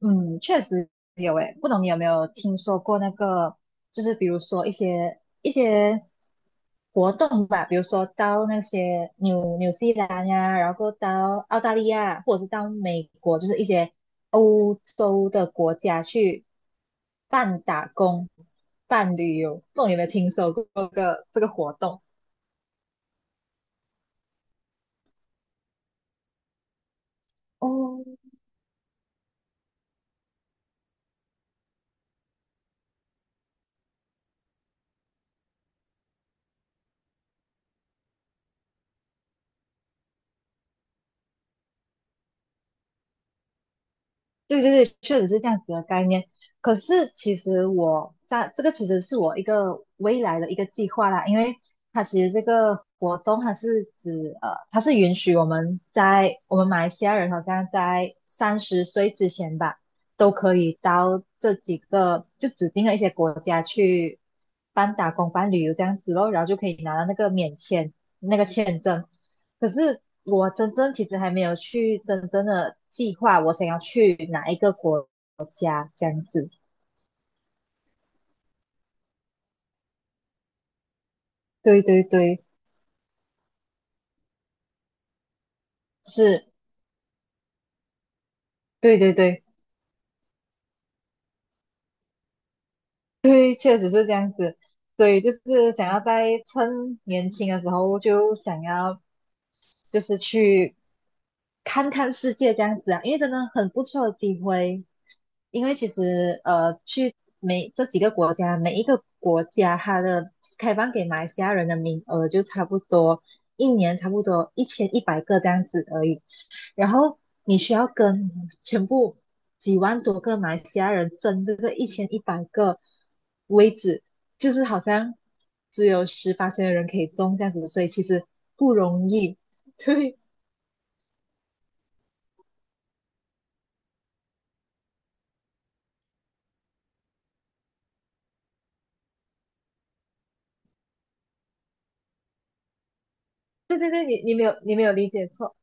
嗯，确实有诶，不懂你有没有听说过那个，就是比如说一些活动吧，比如说到那些纽西兰呀，然后到澳大利亚，或者是到美国，就是一些欧洲的国家去办打工、办旅游，不懂你有没有听说过这个活动？哦，对对对，确实是这样子的概念。可是其实我在这个其实是我一个未来的一个计划啦，因为它其实这个活动它是指它是允许我们在我们马来西亚人好像在三十岁之前吧，都可以到这几个就指定的一些国家去办打工、办旅游这样子咯，然后就可以拿到那个免签那个签证。可是我真正其实还没有去真正的计划，我想要去哪一个国家这样子。对对对，是，对对对。对，确实是这样子，所以就是想要在趁年轻的时候就想要就是去看看世界这样子啊，因为真的很不错的机会。因为其实去每这几个国家，每一个国家它的开放给马来西亚人的名额就差不多一年差不多一千一百个这样子而已。然后你需要跟全部几万多个马来西亚人争这个一千一百个位置，就是好像只有18的人可以中这样子，所以其实不容易。对，对对对，你没有理解错，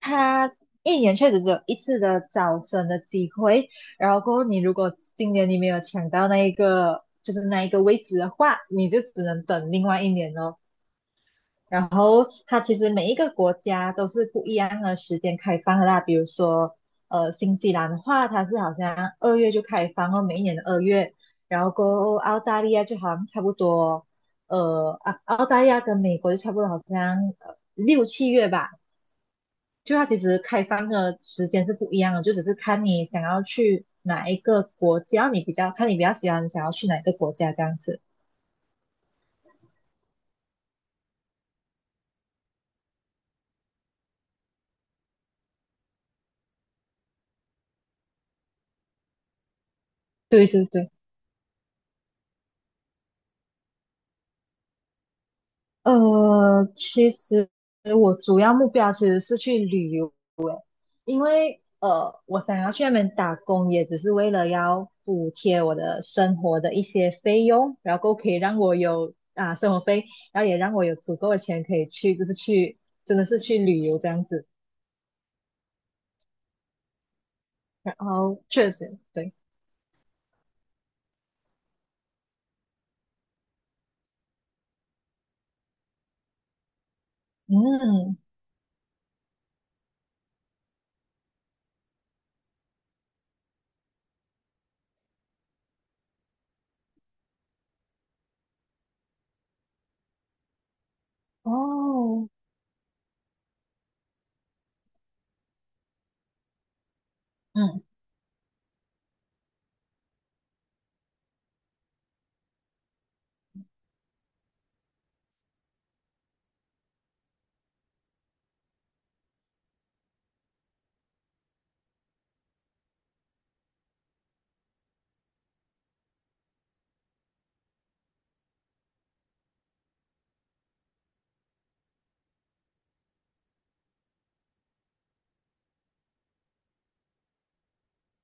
他一年确实只有一次的招生的机会，然后过后你如果今年你没有抢到那一个就是那一个位置的话，你就只能等另外一年哦。然后。它其实每一个国家都是不一样的时间开放的啦。比如说，新西兰的话，它是好像二月就开放哦，每一年的二月。然后过澳大利亚就好像差不多，呃，澳大利亚跟美国就差不多，好像六七月吧。就它其实开放的时间是不一样的，就只是看你想要去哪一个国家，你比较喜欢想要去哪一个国家这样子。对对对。其实我主要目标其实是去旅游，因为我想要去那边打工，也只是为了要补贴我的生活的一些费用，然后可以让我有啊生活费，然后也让我有足够的钱可以去，就是去真的是去旅游这样子。然后确实对，嗯，哦，嗯，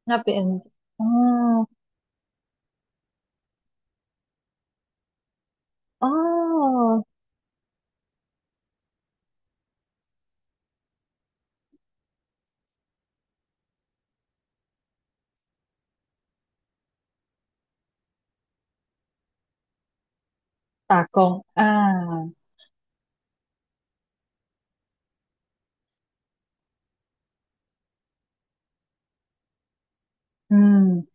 那边哦哦，打工啊，嗯。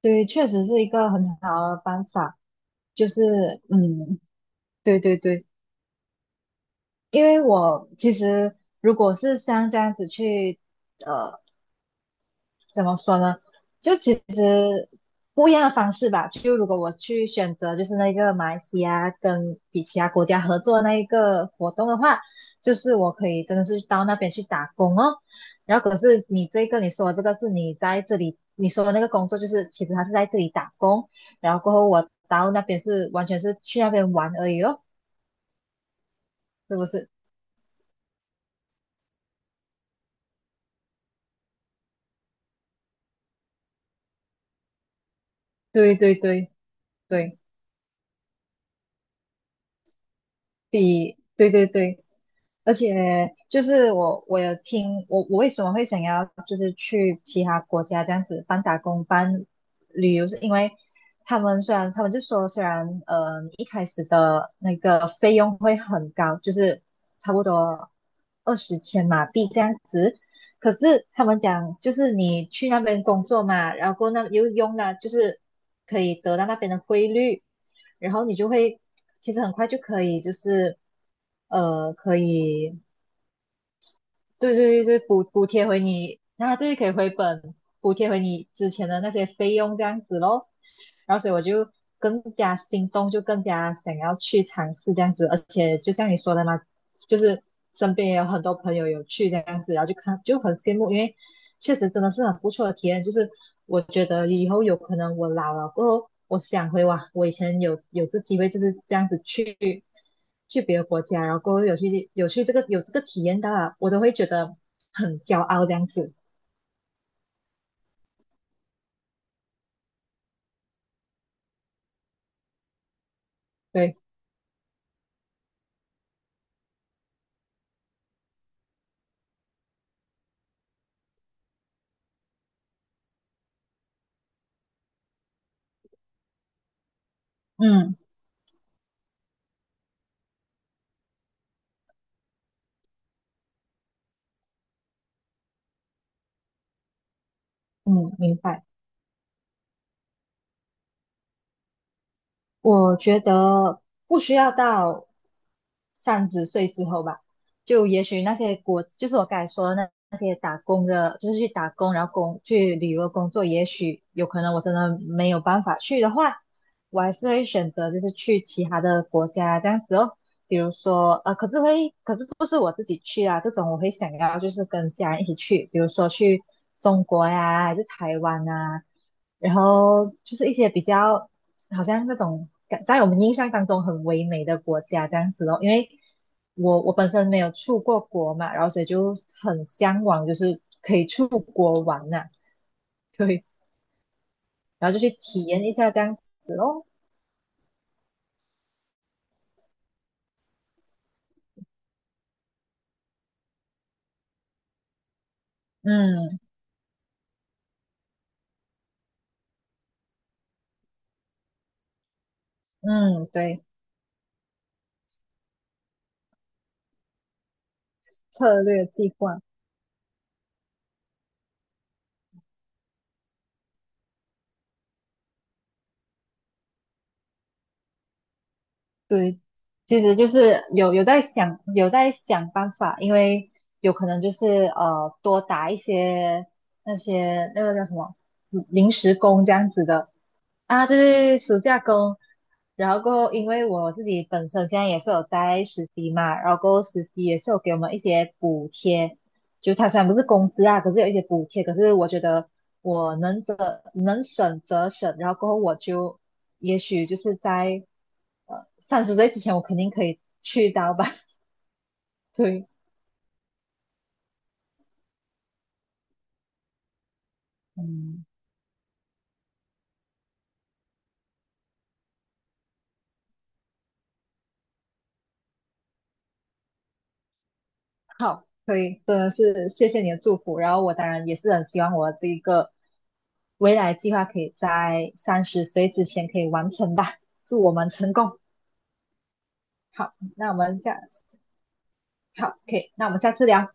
对，确实是一个很好的办法，就是嗯，对对对，因为我其实如果是像这样子去呃。怎么说呢？就其实不一样的方式吧。就如果我去选择，就是那个马来西亚跟比其他国家合作那一个活动的话，就是我可以真的是到那边去打工哦。然后可是你这个你说这个是你在这里你说的那个工作，就是其实他是在这里打工，然后过后我到那边是完全是去那边玩而已哦，是不是？对对对对，比对对对。而且就是我有听我我为什么会想要就是去其他国家这样子半打工半旅游，是因为他们虽然他们就说虽然你一开始的那个费用会很高，就是差不多二十千马币这样子，可是他们讲，就是你去那边工作嘛，然后那又用了，就是可以得到那边的汇率，然后你就会其实很快就可以，就是可以对对对对补贴回你，那对可以回本补贴回你之前的那些费用这样子咯。然后所以我就更加心动，就更加想要去尝试这样子，而且就像你说的嘛，就是身边也有很多朋友有去这样子，然后就看就很羡慕，因为。确实真的是很不错的体验。就是我觉得以后有可能我老了过后，我想回哇，我以前有这机会就是这样子去别的国家，然后过后有去这个这个体验到啊，我都会觉得很骄傲这样子。对，嗯嗯，明白。我觉得不需要到三十岁之后吧，就也许那些国，就是我刚才说的那些打工的，就是去打工，然后工去旅游工作，也许有可能我真的没有办法去的话，我还是会选择就是去其他的国家这样子哦。比如说，可是会，可是不是我自己去啊，这种我会想要就是跟家人一起去，比如说去中国呀，还是台湾啊，然后就是一些比较。好像那种在我们印象当中很唯美的国家这样子哦。因为我本身没有出过国嘛，然后所以就很向往，就是可以出国玩呐、对，然后就去体验一下这样。嗯嗯，对，策略计划。对，其实就是有在想在想办法，因为有可能就是多打一些那些那个叫什么嗯临时工这样子的啊，对对对，暑假工。然后过后，因为我自己本身现在也是有在实习嘛，然后过后实习也是有给我们一些补贴，就它虽然不是工资啊，可是有一些补贴，可是我觉得我能则能省则省，然后过后我就也许就是在三十岁之前，我肯定可以去到吧，对，嗯，好，所以真的是谢谢你的祝福，然后我当然也是很希望我这一个未来计划可以在三十岁之前可以完成吧，祝我们成功。好，那我们下好，可以，那我们下次聊。